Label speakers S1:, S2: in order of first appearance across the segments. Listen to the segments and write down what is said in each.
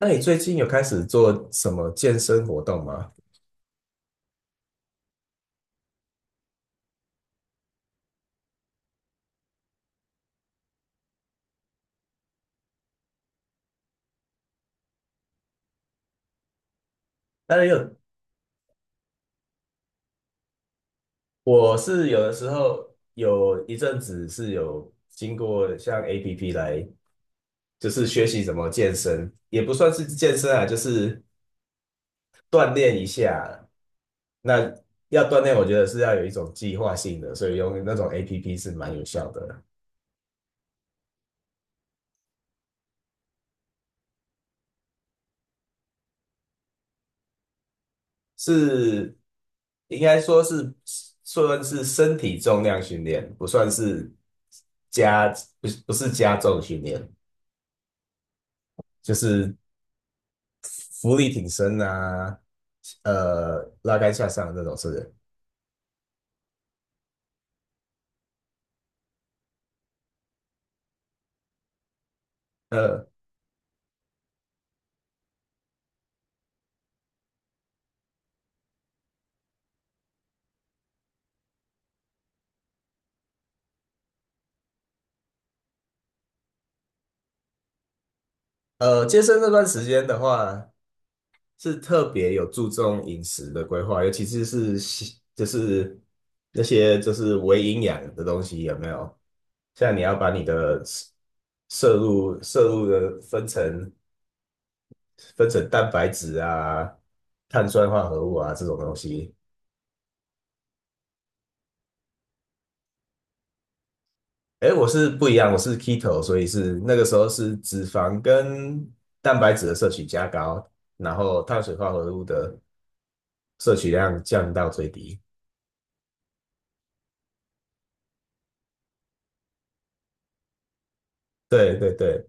S1: 那你最近有开始做什么健身活动吗？当然有，我是有的时候有一阵子是有经过像 APP 来，就是学习怎么健身，也不算是健身啊，就是锻炼一下。那要锻炼，我觉得是要有一种计划性的，所以用那种 APP 是蛮有效的，是应该说是算是身体重量训练，不算是加，不是加重训练。就是浮力挺身啊，拉杆下上的那种，是不是？呃健身那段时间的话，是特别有注重饮食的规划，尤其是西就是那些就是微营养的东西有没有？像你要把你的摄入的分成蛋白质啊、碳酸化合物啊这种东西，哎，我是不一样，我是 keto,所以是那个时候是脂肪跟蛋白质的摄取加高，然后碳水化合物的摄取量降到最低。对对对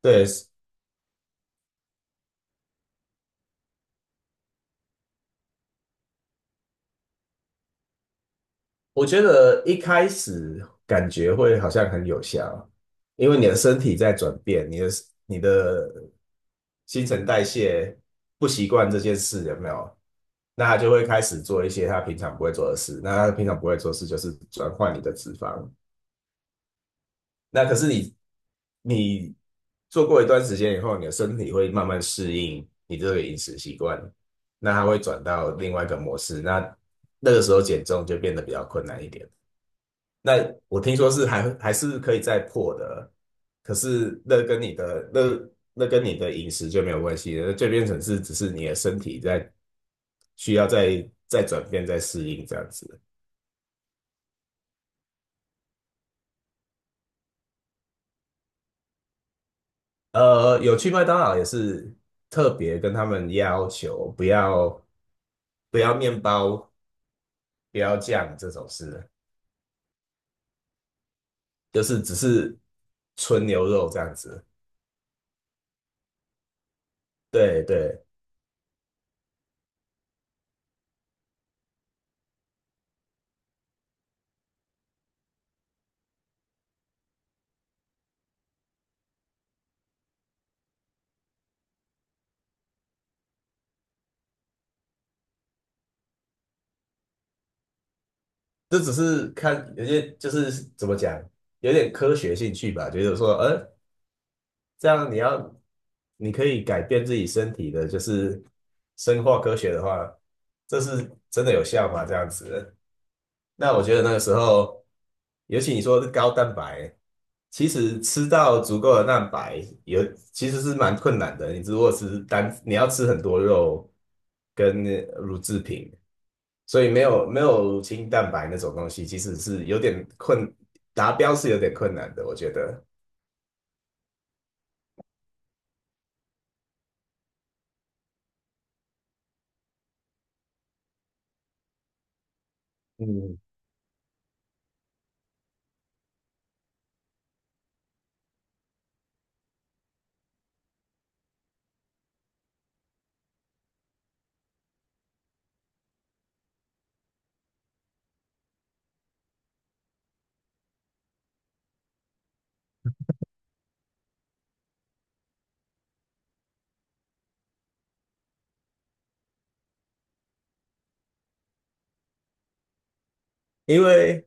S1: 对，我觉得一开始感觉会好像很有效，因为你的身体在转变，你的新陈代谢不习惯这件事，有没有？那他就会开始做一些他平常不会做的事，那他平常不会做的事就是转换你的脂肪。那可是你做过一段时间以后，你的身体会慢慢适应你这个饮食习惯，那它会转到另外一个模式，那那个时候减重就变得比较困难一点。那我听说是还是可以再破的，可是那跟你的那跟你的饮食就没有关系了，就变成是只是你的身体在需要再转变、再适应这样子。有去麦当劳也是特别跟他们要求不要面包，不要酱这种事，就是只是纯牛肉这样子。对对，这只是看有些就是怎么讲，有点科学兴趣吧，觉得说，这样你可以改变自己身体的，就是生化科学的话，这是真的有效吗？这样子。那我觉得那个时候，尤其你说是高蛋白，其实吃到足够的蛋白其实是蛮困难的。你如果是单，你要吃很多肉跟乳制品，所以没有乳清蛋白那种东西，其实是有点困，达标是有点困难的，我觉得。嗯，因为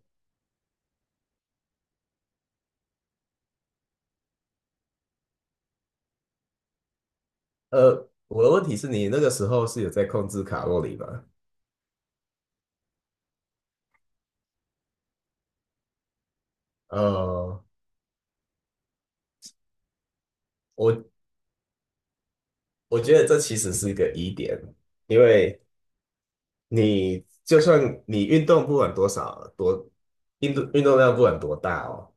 S1: 我的问题是你那个时候是有在控制卡路里吗？呃，我我觉得这其实是一个疑点，因为你就算你运动不管多少运动量不管多大哦，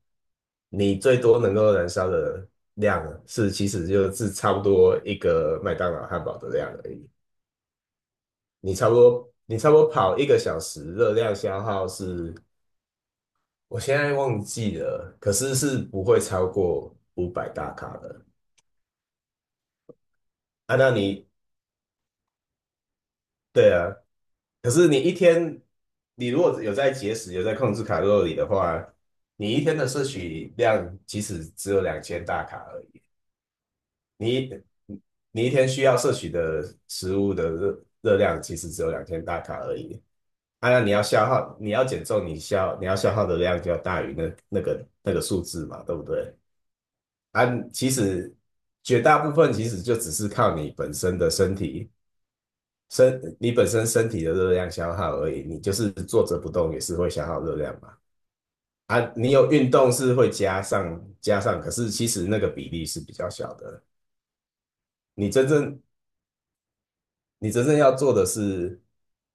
S1: 你最多能够燃烧的量是其实就是差不多一个麦当劳汉堡的量而已。你差不多跑一个小时，热量消耗是我现在忘记了，可是是不会超过五百大卡的。啊，那你对啊，可是你一天，你如果有在节食，有在控制卡路里的话，你一天的摄取量其实只有两千大卡而已，你你一天需要摄取的食物的热量其实只有两千大卡而已。当然，你要消耗，你要减重，你要消耗的量就要大于那个数字嘛，对不对？啊，其实绝大部分其实就只是靠你本身的身体身你本身身体的热量消耗而已，你就是坐着不动也是会消耗热量嘛。啊，你有运动是会加上，可是其实那个比例是比较小的。你真正你真正要做的是，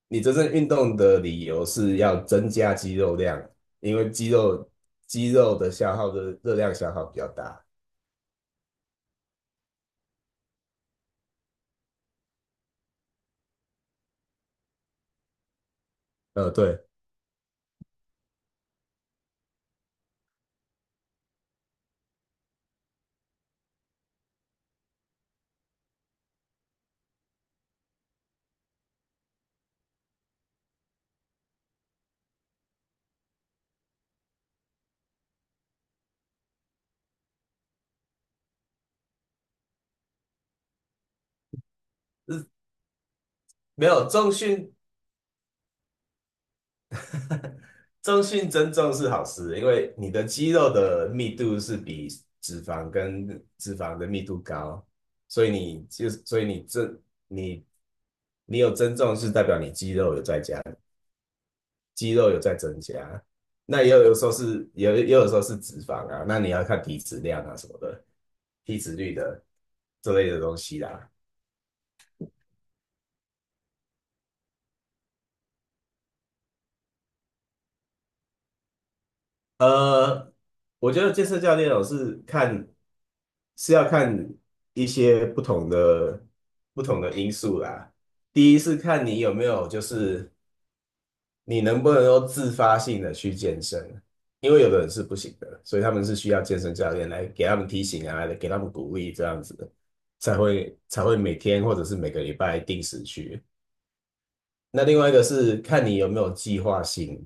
S1: 你真正运动的理由是要增加肌肉量，因为肌肉的消耗的热量消耗比较大。对，没有重训中性增重是好事，因为你的肌肉的密度是比脂肪跟脂肪的密度高，所以你就所以你这，你你有增重是代表你肌肉有在加，肌肉有在增加。那也有有时候是也有也有时候是脂肪啊，那你要看体脂量啊什么的，体脂率的这类的东西啦。呃，我觉得健身教练哦是看是要看一些不同的因素啦。第一是看你有没有，就是你能不能够自发性的去健身，因为有的人是不行的，所以他们是需要健身教练来给他们提醒啊，给他们鼓励，这样子才会每天或者是每个礼拜定时去。那另外一个是看你有没有计划性，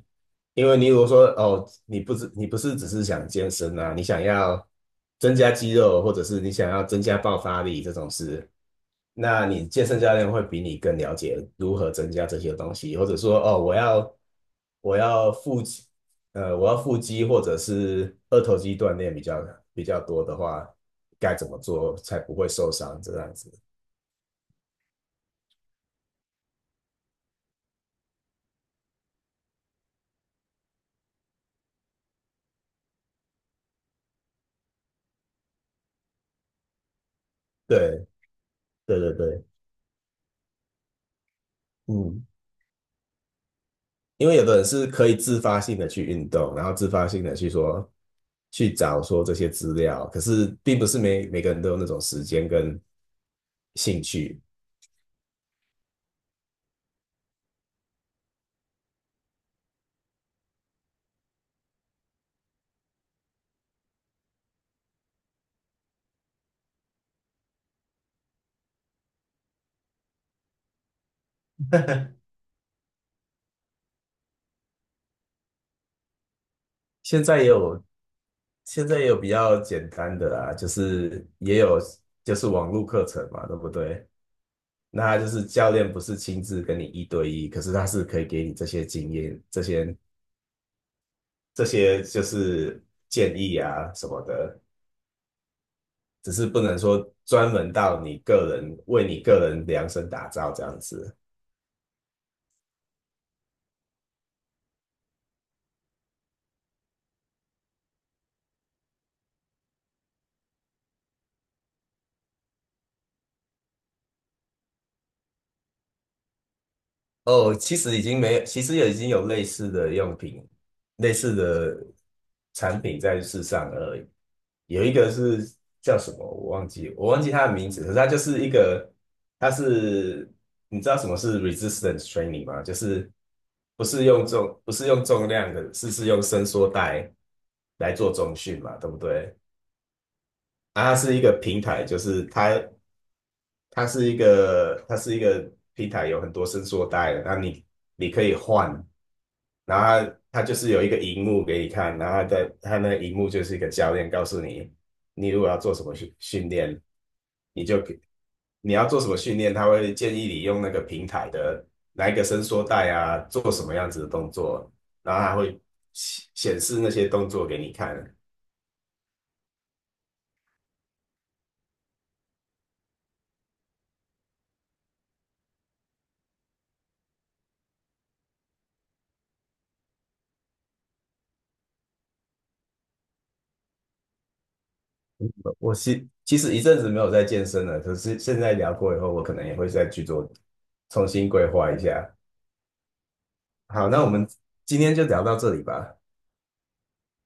S1: 因为你如果说哦，你不是只是想健身啊，你想要增加肌肉，或者是你想要增加爆发力这种事，那你健身教练会比你更了解如何增加这些东西，或者说哦，我要腹肌，我要腹肌或者是二头肌锻炼比较多的话，该怎么做才不会受伤这样子？对对对对，嗯。因为有的人是可以自发性的去运动，然后自发性的去找说这些资料，可是并不是每个人都有那种时间跟兴趣。现在也有，现在也有比较简单的啦，就是也有就是网络课程嘛，对不对？那他就是教练不是亲自跟你一对一，可是他是可以给你这些经验、这些就是建议啊什么的。只是不能说专门到你个人为你个人量身打造这样子。哦，其实已经没有，其实也已经有类似的用品、类似的产品在世上而已。有一个是叫什么，我忘记它的名字，可是它就是一个，它是你知道什么是 resistance training 吗？就是不是用重量的，是用伸缩带来做重训嘛，对不对？啊，它是一个平台，就是它是一个平台，有很多伸缩带的，那你可以换，然后它就是有一个荧幕给你看，然后它那个荧幕就是一个教练告诉你，你如果要做什么训练，你就给你要做什么训练，他会建议你用那个平台的哪一个伸缩带啊，做什么样子的动作，然后它会显示那些动作给你看。我其实一阵子没有在健身了，可是现在聊过以后，我可能也会再去做重新规划一下。好，那我们今天就聊到这里吧。